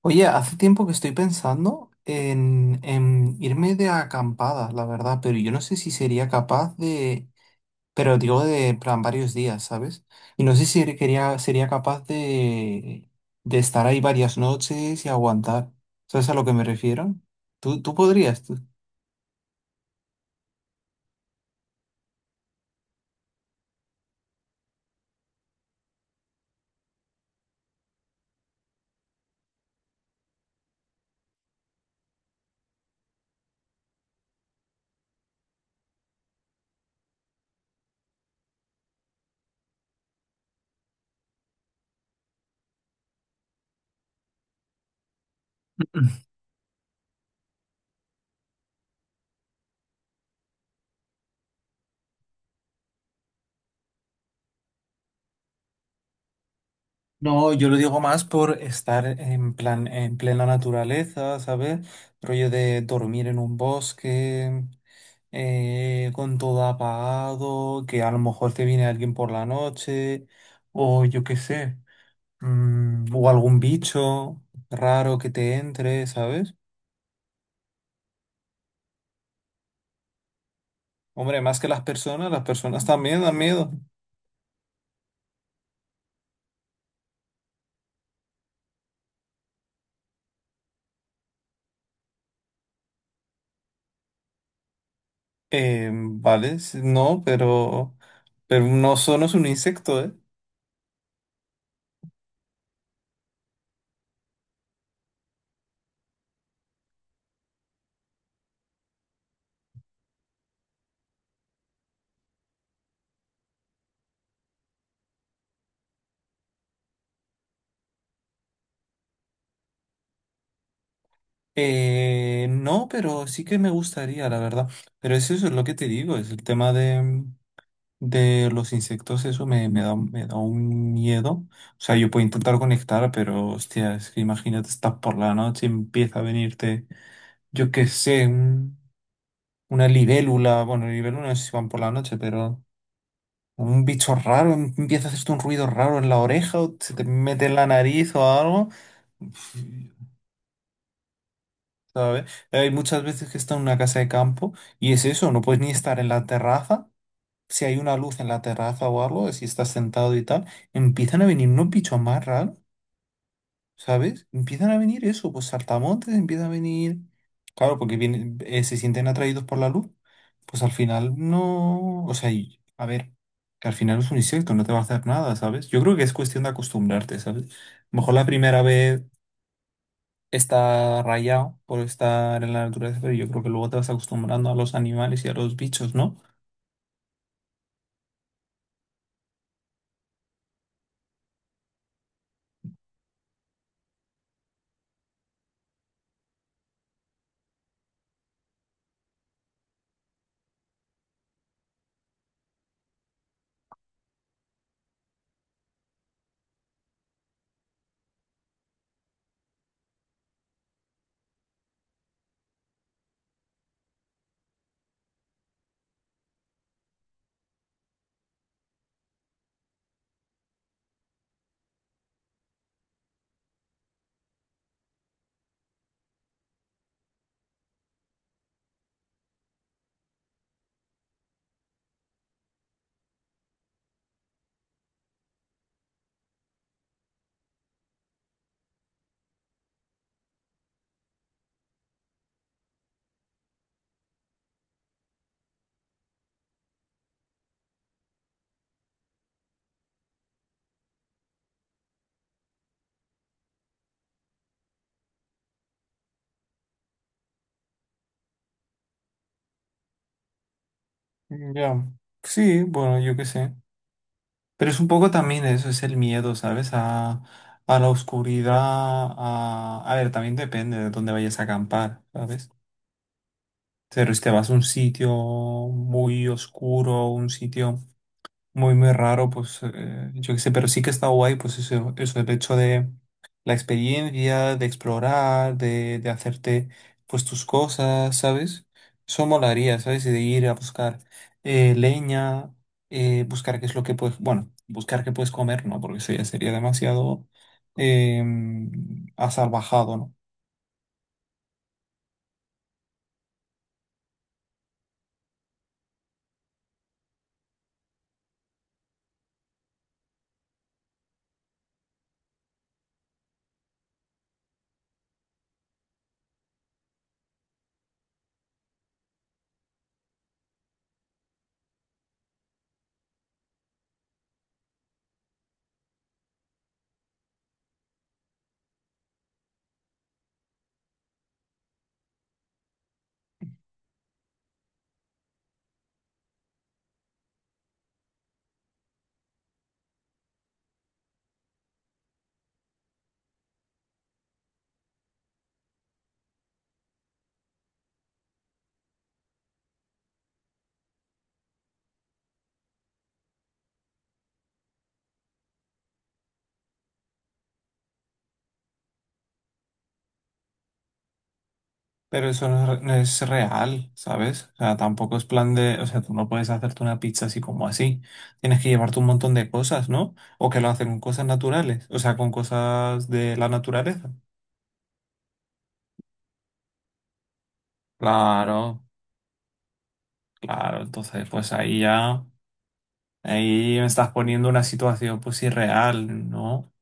Oye, hace tiempo que estoy pensando en irme de acampada, la verdad, pero yo no sé si sería capaz de, pero digo de en plan varios días, ¿sabes? Y no sé si quería, sería capaz de estar ahí varias noches y aguantar. ¿Sabes a lo que me refiero? ¿Tú podrías? ¿Tú? No, yo lo digo más por estar en plan, en plena naturaleza, ¿sabes? Rollo de dormir en un bosque, con todo apagado, que a lo mejor te viene alguien por la noche, o yo qué sé, o algún bicho raro que te entre, ¿sabes? Hombre, más que las personas también dan miedo. Vale, no, pero un oso no es un insecto, ¿eh? No, pero sí que me gustaría, la verdad. Pero es eso, es lo que te digo, es el tema de los insectos, eso me, me da un miedo. O sea, yo puedo intentar conectar, pero hostia, es que imagínate, estás por la noche y empieza a venirte, yo qué sé, una libélula, bueno, libélula no sé si van por la noche, pero un bicho raro, empieza a hacerte un ruido raro en la oreja o se te mete en la nariz o algo. ¿Sabes? Hay muchas veces que está en una casa de campo y es eso, no puedes ni estar en la terraza. Si hay una luz en la terraza o algo, si estás sentado y tal, empiezan a venir unos bichos más raros, ¿sabes? Empiezan a venir eso, pues saltamontes, empiezan a venir. Claro, porque vienen, se sienten atraídos por la luz, pues al final no. O sea, a ver, que al final es un insecto, no te va a hacer nada, ¿sabes? Yo creo que es cuestión de acostumbrarte, ¿sabes? Mejor la primera vez está rayado por estar en la naturaleza, pero yo creo que luego te vas acostumbrando a los animales y a los bichos, ¿no? Ya. Sí, bueno, yo qué sé. Pero es un poco también eso, es el miedo, ¿sabes? A la oscuridad, a... A ver, también depende de dónde vayas a acampar, ¿sabes? Pero si te vas a un sitio muy oscuro, un sitio muy, muy raro, pues yo qué sé, pero sí que está guay, pues eso, el hecho de la experiencia, de explorar, de hacerte pues tus cosas, ¿sabes? Eso molaría, ¿sabes? Y de ir a buscar leña, buscar qué es lo que puedes, bueno, buscar qué puedes comer, ¿no? Porque eso ya sería demasiado eh, asalvajado, ¿no? Pero eso no es, no es real, ¿sabes? O sea, tampoco es plan de, o sea, tú no puedes hacerte una pizza así como así. Tienes que llevarte un montón de cosas, ¿no? O que lo hacen con cosas naturales, o sea, con cosas de la naturaleza. Claro, claro, entonces pues ahí ya, ahí me estás poniendo una situación pues irreal, ¿no?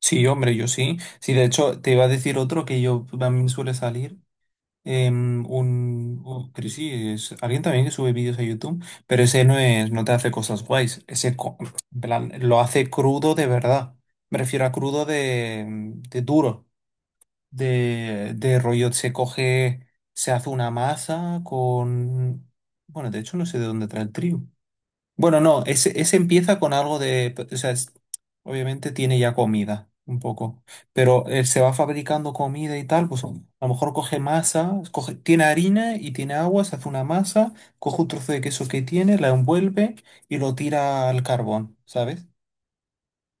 Sí, hombre, yo sí. Sí, de hecho, te iba a decir otro que yo también suele salir. Pero sí, es alguien también que sube vídeos a YouTube, pero ese no es, no te hace cosas guays, en plan, lo hace crudo de verdad. Me refiero a crudo de, de duro, de rollo, se coge, se hace una masa con, bueno, de hecho no sé de dónde trae el trigo, bueno, no, ese empieza con algo de, o sea, obviamente tiene ya comida, un poco, pero se va fabricando comida y tal, pues a lo mejor coge masa, coge, tiene harina y tiene agua, se hace una masa, coge un trozo de queso que tiene, la envuelve y lo tira al carbón, ¿sabes?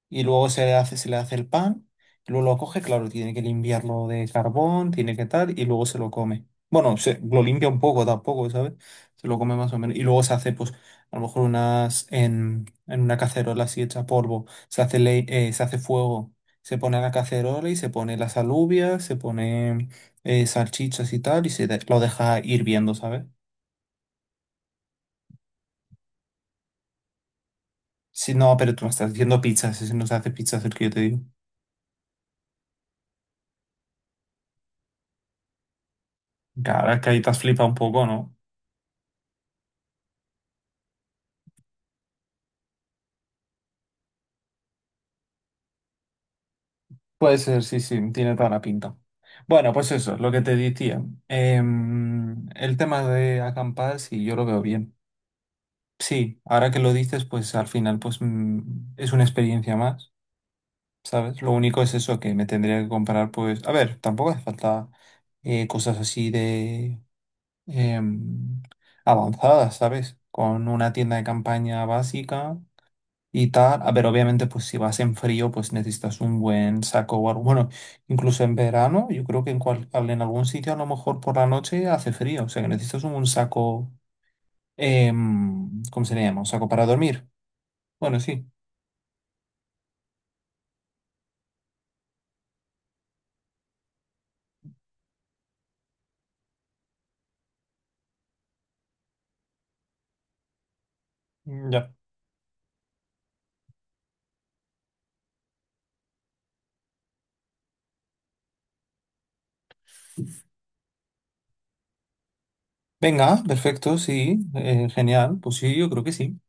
Y luego se le hace el pan, y luego lo coge, claro, tiene que limpiarlo de carbón, tiene que tal, y luego se lo come. Bueno, se, lo limpia un poco tampoco, ¿sabes? Se lo come más o menos. Y luego se hace, pues, a lo mejor unas, en una cacerola así hecha polvo, se hace, se hace fuego, se pone la cacerola y se pone las alubias, se pone salchichas y tal, y lo deja hirviendo, ¿sabes? Si no, pero tú me estás diciendo pizzas, ese no se hace pizzas el que yo te digo. Claro, es que ahí te has flipado un poco, ¿no? Puede ser, sí, sí, tiene toda la pinta. Bueno, pues eso, lo que te decía. El tema de acampar, sí, yo lo veo bien. Sí, ahora que lo dices, pues al final, pues es una experiencia más, ¿sabes? Lo único es eso que me tendría que comprar, pues, a ver, tampoco hace falta cosas así de em, avanzadas, ¿sabes? Con una tienda de campaña básica y tal. A ver, obviamente, pues si vas en frío, pues necesitas un buen saco o algo. Bueno, incluso en verano, yo creo que en, en algún sitio a lo mejor por la noche hace frío. O sea, que necesitas un saco, ¿cómo se le llama? Un saco para dormir. Bueno, sí, ya. Venga, perfecto, sí, genial. Pues sí, yo creo que sí.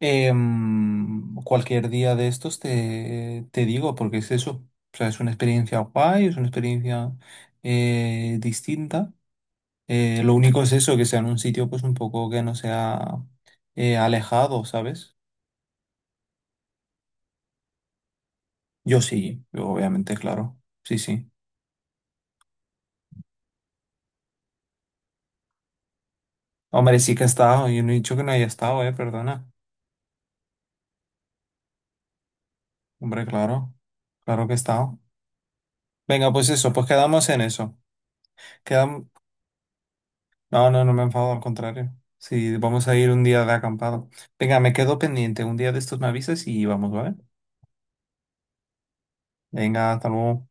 Em, cualquier día de estos te, te digo, porque es eso. O sea, es una experiencia guay, es una experiencia distinta. Lo único es eso, que sea en un sitio pues un poco que no sea alejado, ¿sabes? Yo sí, yo obviamente, claro. Sí, sí. Hombre, sí que he estado. Yo no he dicho que no haya estado, perdona. Hombre, claro. Claro que he estado. Venga, pues eso, pues quedamos en eso. Quedam- No, no, no me enfado, al contrario. Sí, vamos a ir un día de acampado. Venga, me quedo pendiente. Un día de estos me avisas y vamos, ¿vale? Venga, hasta luego.